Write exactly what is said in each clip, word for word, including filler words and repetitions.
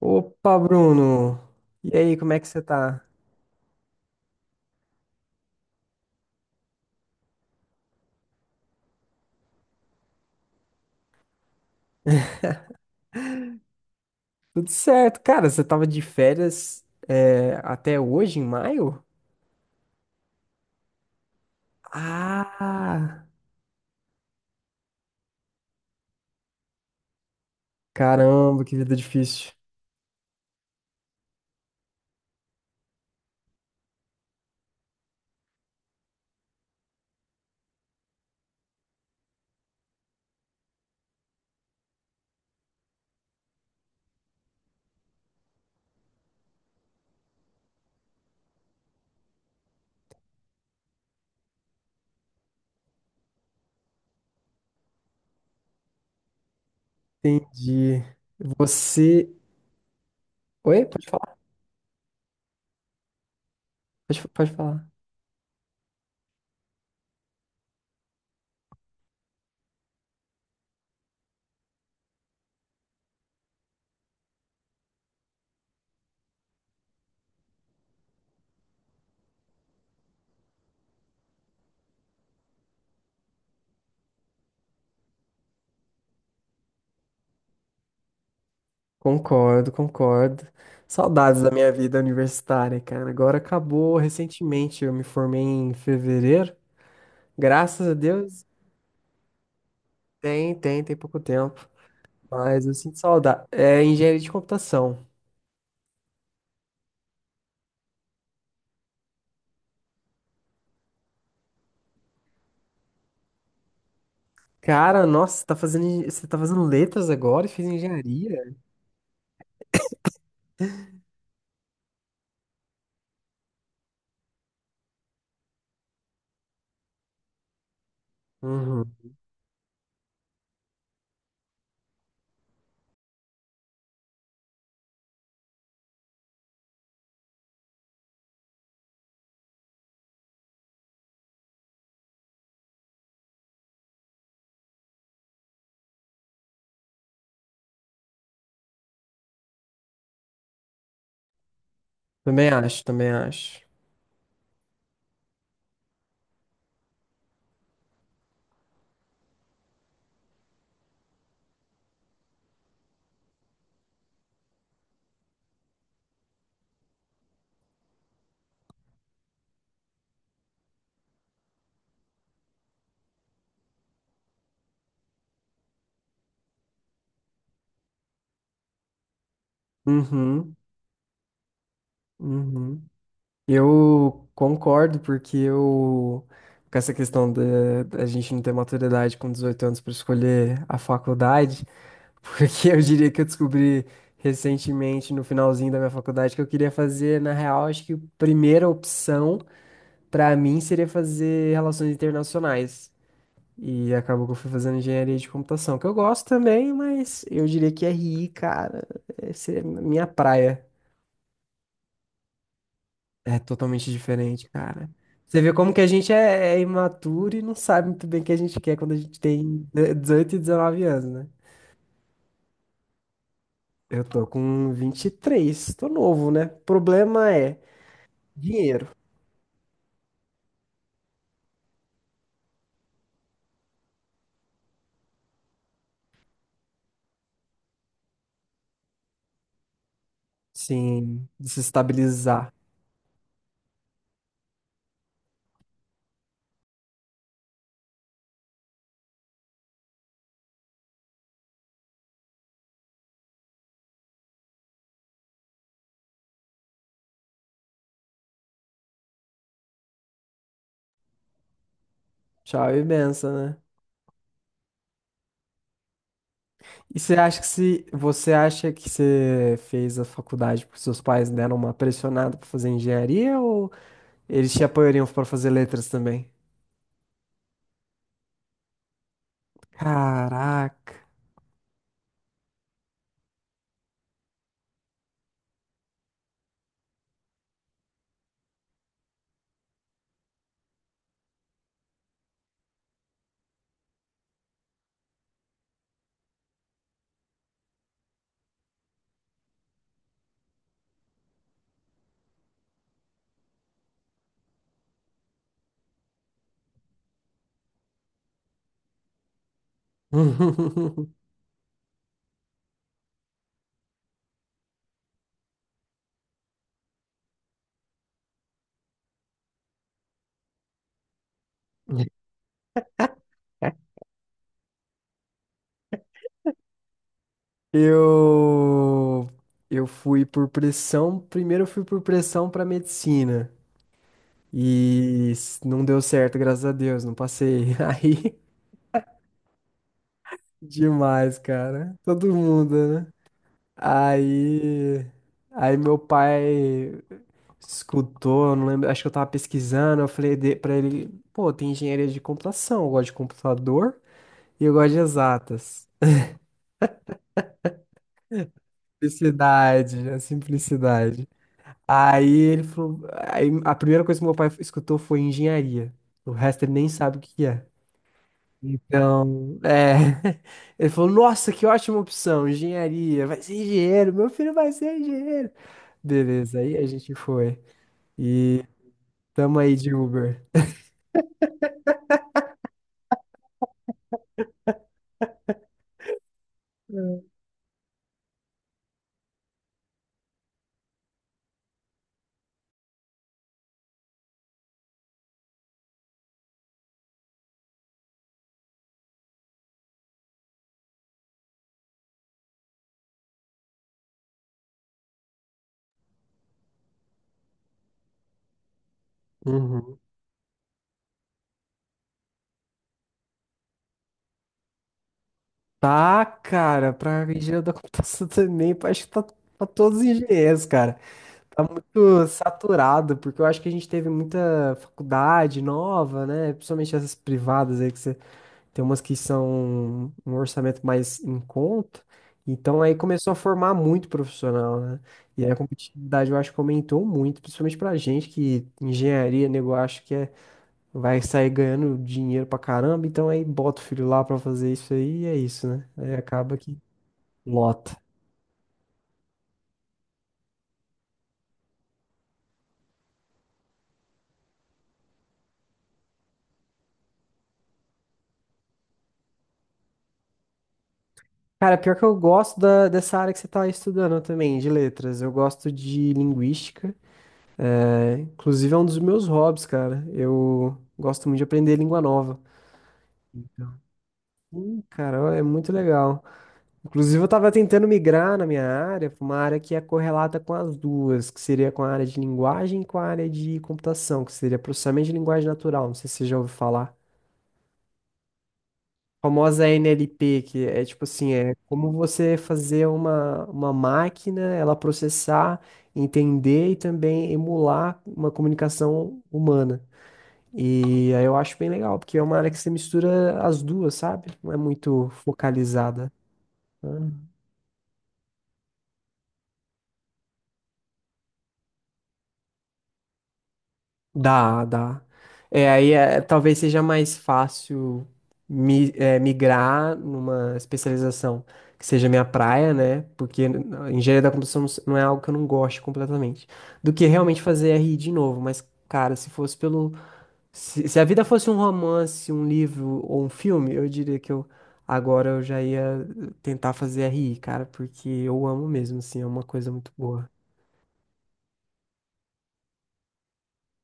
Opa, Bruno! E aí, como é que você tá? Tudo certo, cara. Você tava de férias é, até hoje, em maio? Ah! Caramba, que vida difícil. Entendi. Você. Oi? Pode falar? Pode, pode falar. Concordo, concordo. Saudades da minha vida universitária, cara. Agora acabou recentemente. Eu me formei em fevereiro. Graças a Deus. Tem, tem, tem pouco tempo. Mas eu sinto saudade. É engenharia de computação. Cara, nossa, você tá fazendo, você tá fazendo letras agora e fez engenharia? Uhum. Também acho, também acho. Uhum, uhum. Eu concordo, porque eu, com essa questão da da gente não ter maturidade com dezoito anos para escolher a faculdade, porque eu diria que eu descobri recentemente, no finalzinho da minha faculdade, que eu queria fazer, na real, acho que a primeira opção para mim seria fazer relações internacionais. E acabou que eu fui fazendo engenharia de computação, que eu gosto também, mas eu diria que R I, cara, essa é a minha praia. É totalmente diferente, cara. Você vê como que a gente é, é imaturo e não sabe muito bem o que a gente quer quando a gente tem dezoito e dezenove anos, né? Eu tô com vinte e três, tô novo, né? Problema é dinheiro. Sim, de se estabilizar. Tchau e benção, né? E você acha que se você acha que você fez a faculdade porque seus pais deram uma pressionada pra fazer engenharia, ou eles te apoiariam pra fazer letras também? Caraca. Eu eu fui por pressão, primeiro eu fui por pressão pra medicina e s- não deu certo, graças a Deus, não passei. Aí demais, cara. Todo mundo, né? Aí aí meu pai escutou, eu não lembro, acho que eu tava pesquisando, eu falei de- pra ele, pô, tem engenharia de computação, eu gosto de computador e eu gosto de exatas. Simplicidade, a simplicidade. Aí ele falou, aí a primeira coisa que meu pai escutou foi engenharia. O resto ele nem sabe o que que é. Então, é. Ele falou, nossa, que ótima opção, engenharia, vai ser engenheiro, meu filho vai ser engenheiro. Beleza, aí a gente foi. E tamo aí de Uber. Uhum. Tá, cara, pra engenharia da computação também, acho que tá pra todos os engenheiros, cara. Tá muito saturado, porque eu acho que a gente teve muita faculdade nova, né? Principalmente essas privadas aí, que você tem umas que são um orçamento mais em conta. Então aí começou a formar muito profissional, né? E aí a competitividade eu acho que aumentou muito, principalmente pra gente que engenharia, nego, eu acho que é vai sair ganhando dinheiro pra caramba, então aí bota o filho lá pra fazer isso aí e é isso, né? Aí acaba que lota. Cara, pior que eu gosto da, dessa área que você tá estudando também, de letras. Eu gosto de linguística. É, inclusive é um dos meus hobbies, cara. Eu gosto muito de aprender língua nova. Hum, cara, é muito legal. Inclusive, eu tava tentando migrar na minha área pra uma área que é correlata com as duas, que seria com a área de linguagem e com a área de computação, que seria processamento de linguagem natural. Não sei se você já ouviu falar. Famosa N L P, que é tipo assim, é como você fazer uma, uma máquina, ela processar, entender e também emular uma comunicação humana. E aí eu acho bem legal, porque é uma área que você mistura as duas, sabe? Não é muito focalizada. Né? Dá, dá. É, aí é, talvez seja mais fácil mi- é, migrar numa especialização que seja minha praia, né? Porque n- engenharia da computação não s- não é algo que eu não gosto completamente. Do que realmente fazer R I de novo. Mas, cara, se fosse pelo. Se, se a vida fosse um romance, um livro ou um filme, eu diria que eu. Agora eu já ia tentar fazer R I, cara, porque eu amo mesmo, assim, é uma coisa muito boa.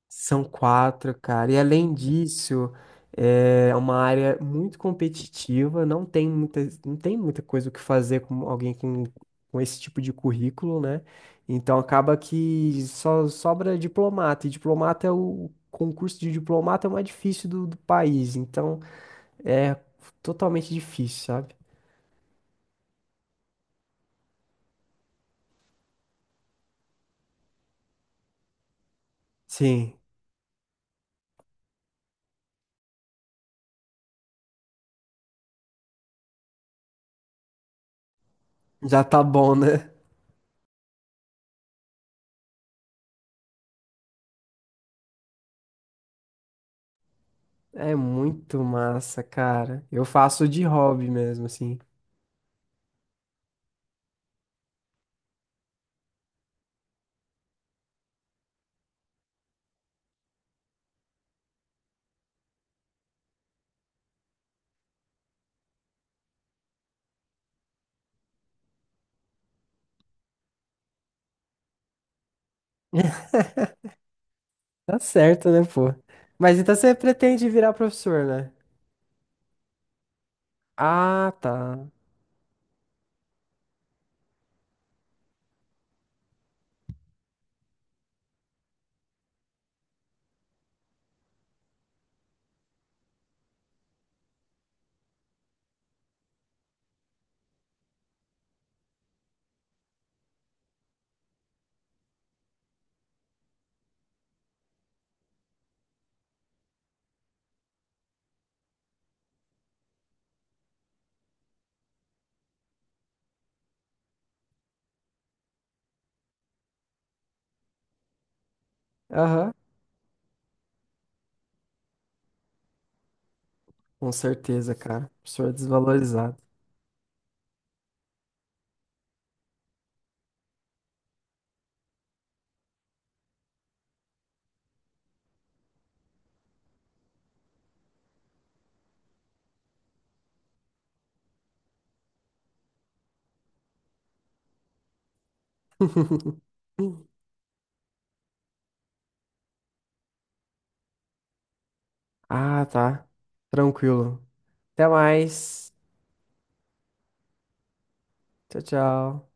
São quatro, cara. E além disso, é uma área muito competitiva, não tem muita, não tem muita coisa o que fazer com alguém com, com esse tipo de currículo, né? Então acaba que só sobra diplomata, e diplomata é o, o concurso de diplomata é o mais difícil do, do país, então é totalmente difícil, sabe? Sim, já tá bom, né? É muito massa, cara. Eu faço de hobby mesmo, assim. Tá certo, né, pô? Mas então você pretende virar professor, né? Ah, tá. Aham. Com certeza, cara. Professor desvalorizado. Ah, tá. Tranquilo. Até mais. Tchau, tchau.